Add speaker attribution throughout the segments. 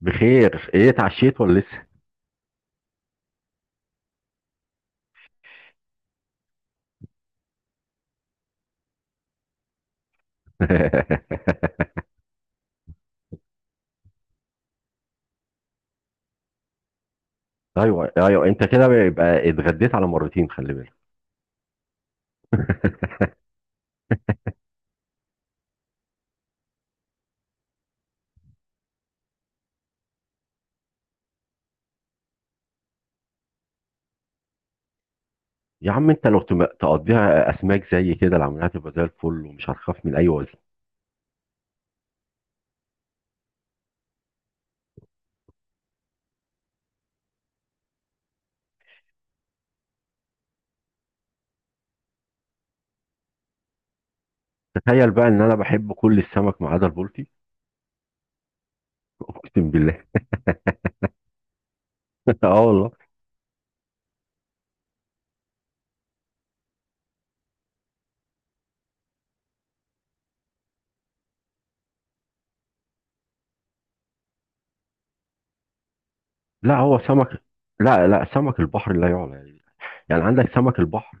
Speaker 1: بخير، ايه اتعشيت ولا لسه؟ ايوه، ايوه، انت كده يبقى اتغديت على مرتين، خلي بالك. يا عم انت لو تقضيها اسماك زي كده العمليات تبقى زي الفل ومش هتخاف من اي وزن. تخيل بقى ان انا بحب كل السمك ما عدا البلطي. اقسم بالله. اه والله. لا، هو سمك. لا لا، سمك البحر لا يعلى يعني. يعني عندك سمك البحر.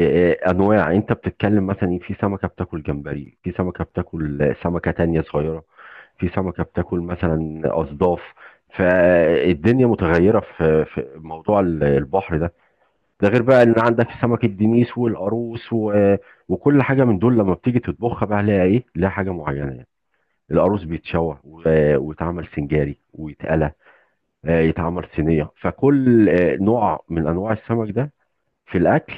Speaker 1: انواع، انت بتتكلم مثلا إيه، في سمكه بتاكل جمبري، في سمكه بتاكل سمكه تانية صغيره. في سمكة بتاكل مثلا أصداف. فالدنيا متغيرة في موضوع البحر ده. ده غير بقى ان عندك سمكة دينيس والقاروص وكل حاجة من دول لما بتيجي تطبخها بقى ليها ايه، ليها حاجة معينة يعني. القاروص بيتشوى ويتعمل سنجاري ويتقلى. يتعمل صينية، فكل نوع من انواع السمك ده في الاكل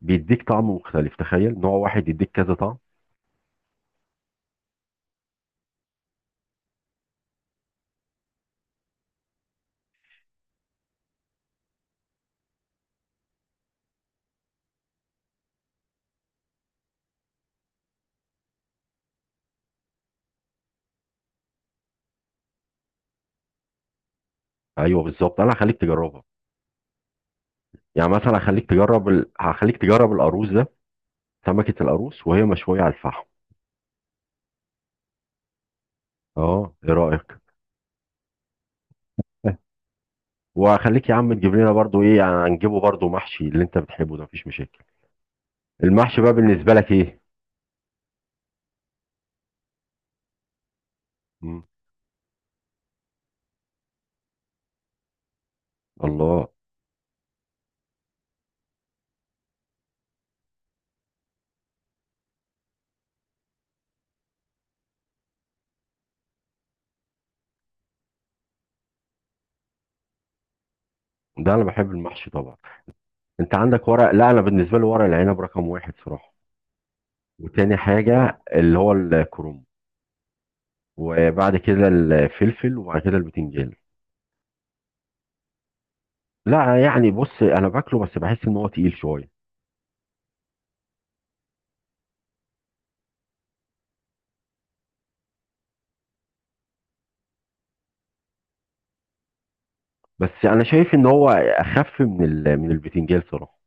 Speaker 1: بيديك طعم مختلف. تخيل نوع واحد يديك كذا طعم. ايوه بالظبط، انا هخليك تجربها. يعني مثلا هخليك تجرب القاروص ده. سمكة القاروص وهي مشوية على الفحم. اه، ايه رأيك؟ وخليك يا عم تجيب لنا برضو ايه، يعني هنجيبه برضو محشي اللي انت بتحبه ده، مفيش مشاكل. المحشي بقى بالنسبة لك ايه؟ مم. الله. ده انا بحب المحشي طبعا. انت عندك ورق لا، انا بالنسبة لي ورق العنب رقم واحد صراحة. وتاني حاجة اللي هو الكروم. وبعد كده الفلفل وبعد كده البتنجان. لا يعني، بص، انا باكله بس بحس ان هو تقيل شوية. بس انا شايف ان هو اخف من البتنجان صراحة.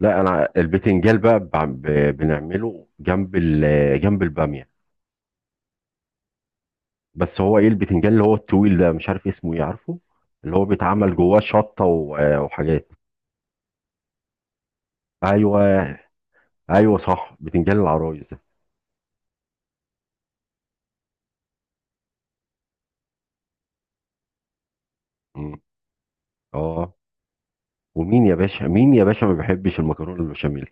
Speaker 1: لا، انا البتنجان بقى بنعمله جنب الباميه. بس هو ايه البتنجان اللي هو الطويل ده، مش عارف اسمه ايه، عارفه؟ اللي هو بيتعمل جواه شطه وحاجات. ايوه، ايوه صح، بتنجان العرايس ده. مم. اه. ومين يا باشا، مين يا باشا، ما بيحبش المكرونه البشاميل؟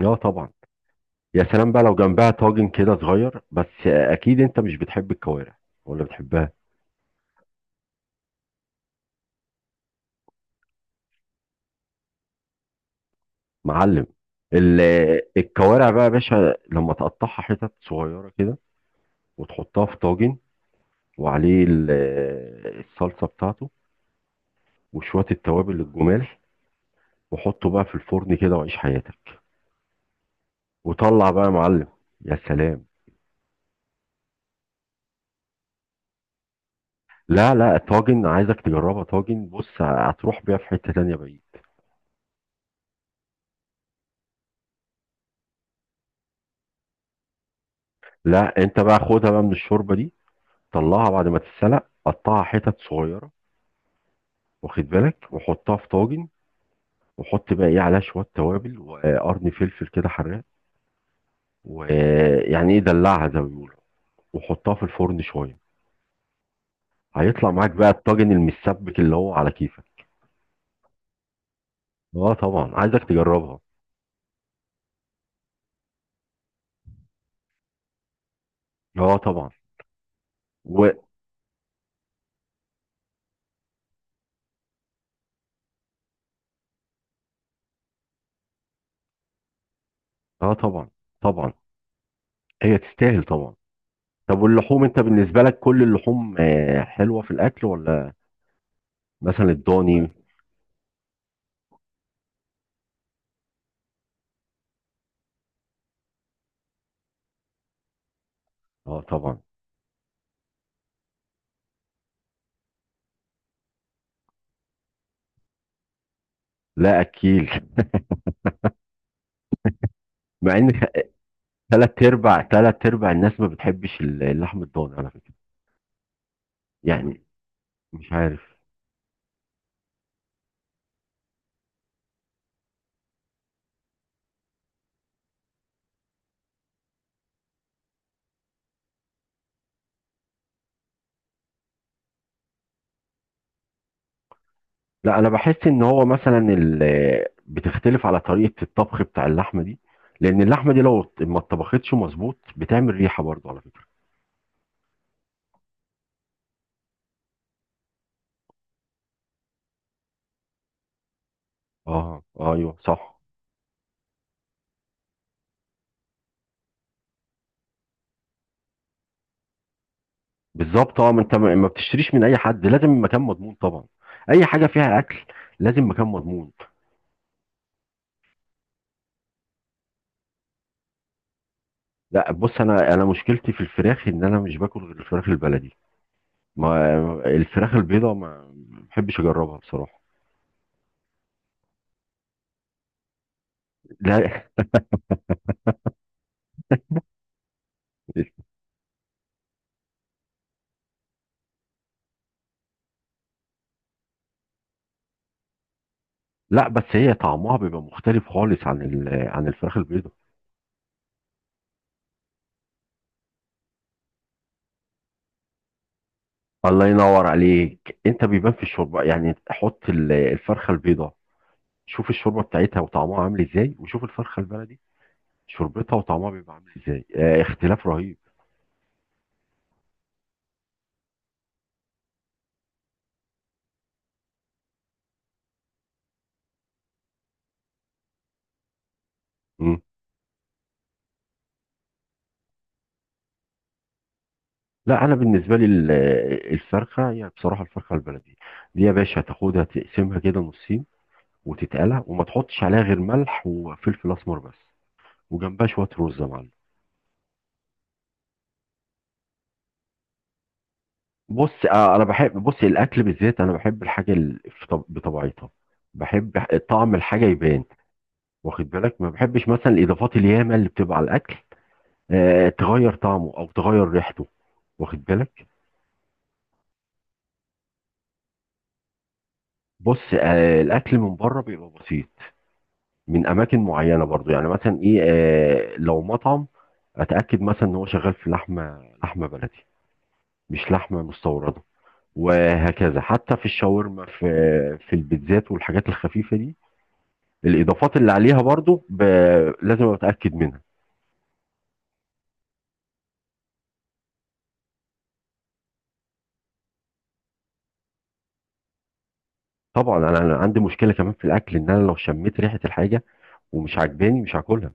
Speaker 1: اه طبعا. يا سلام بقى لو جنبها طاجن كده صغير بس، اكيد انت مش بتحب الكوارع ولا بتحبها؟ معلم. الكوارع بقى يا باشا لما تقطعها حتت صغيره كده وتحطها في طاجن وعليه الصلصه بتاعته وشويه التوابل الجمال، وحطه بقى في الفرن كده وعيش حياتك، وطلع بقى يا معلم. يا سلام. لا لا، طاجن، عايزك تجربها طاجن، بص هتروح بيها في حته تانيه بعيد. لا، انت بقى خدها بقى من الشوربه دي، طلعها بعد ما تتسلق، قطعها حتت صغيره، واخد بالك، وحطها في طاجن، وحط بقى ايه عليها شويه توابل وقرن فلفل كده حراق، ويعني ايه، دلعها زي ما بيقولوا، وحطها في الفرن شويه. هيطلع معاك بقى الطاجن المسبك اللي هو على كيفك. اه طبعا، عايزك تجربها. اه طبعا. و اه طبعا، طبعا هي تستاهل طبعا. طب واللحوم، انت بالنسبه لك كل اللحوم حلوه في الاكل ولا؟ مثلا الضاني؟ اه طبعا. لا اكيل. مع ان ثلاث ارباع الناس ما بتحبش اللحم الضاني على فكره. يعني مش عارف. لا، انا بحس ان هو مثلا بتختلف على طريقه الطبخ بتاع اللحمه دي، لان اللحمه دي لو ما اتطبختش مظبوط بتعمل ريحه برضه على فكره. اه، آه، ايوه صح. بالظبط، اه، ما انت ما بتشتريش من اي حد، لازم مكان مضمون طبعا. اي حاجه فيها اكل لازم مكان مضمون. لا بص، انا مشكلتي في الفراخ ان انا مش باكل غير الفراخ البلدي. ما الفراخ البيضاء ما بحبش اجربها بصراحه. لا لا، بس هي طعمها بيبقى مختلف خالص عن الفراخ البيضاء. الله ينور عليك، انت بيبان في الشوربه يعني، حط الفرخه البيضاء، شوف الشوربه بتاعتها وطعمها عامل ازاي، وشوف الفرخه البلدي شوربتها وطعمها بيبقى عامل ازاي. اه، اختلاف رهيب. مم. لا، انا بالنسبه لي الفرخه هي بصراحه الفرخه البلدي دي يا باشا، تاخدها تقسمها كده نصين وتتقلى وما تحطش عليها غير ملح وفلفل اسمر بس، وجنبها شويه رز يا معلم. بص اه، انا بحب، بص الاكل بالذات انا بحب الحاجه بطبيعتها، بحب طعم الحاجه يبان، واخد بالك؟ ما بحبش مثلا الاضافات الياما اللي بتبقى على الاكل، تغير طعمه او تغير ريحته، واخد بالك. بص الاكل من بره بيبقى بسيط من اماكن معينه برضو، يعني مثلا ايه لو مطعم، اتاكد مثلا ان هو شغال في لحمه، لحمه بلدي مش لحمه مستورده، وهكذا حتى في الشاورما، في البيتزات والحاجات الخفيفه دي، الاضافات اللي عليها برضو لازم اتاكد منها. طبعا أنا عندي مشكله كمان في الاكل ان انا لو شميت ريحه الحاجه ومش عاجباني مش هاكلها.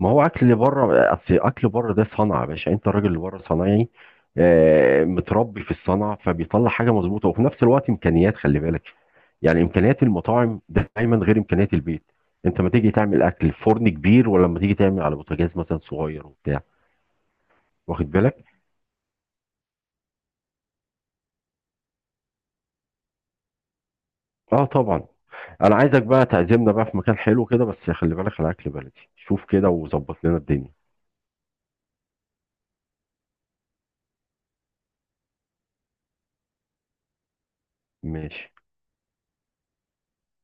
Speaker 1: ما هو اكل اللي بره اصل، اكل بره ده صنعه يا باشا، انت الراجل اللي بره صنايعي متربي في الصنعه فبيطلع حاجه مظبوطه، وفي نفس الوقت امكانيات، خلي بالك يعني، امكانيات المطاعم دايما غير امكانيات البيت. انت ما تيجي تعمل اكل في فرن كبير ولا لما تيجي تعمل على بوتاجاز مثلا صغير وبتاع، واخد بالك؟ اه طبعا. انا عايزك بقى تعزمنا بقى في مكان حلو كده، بس خلي بالك على اكل بلدي، شوف كده وظبط لنا الدنيا. ماشي.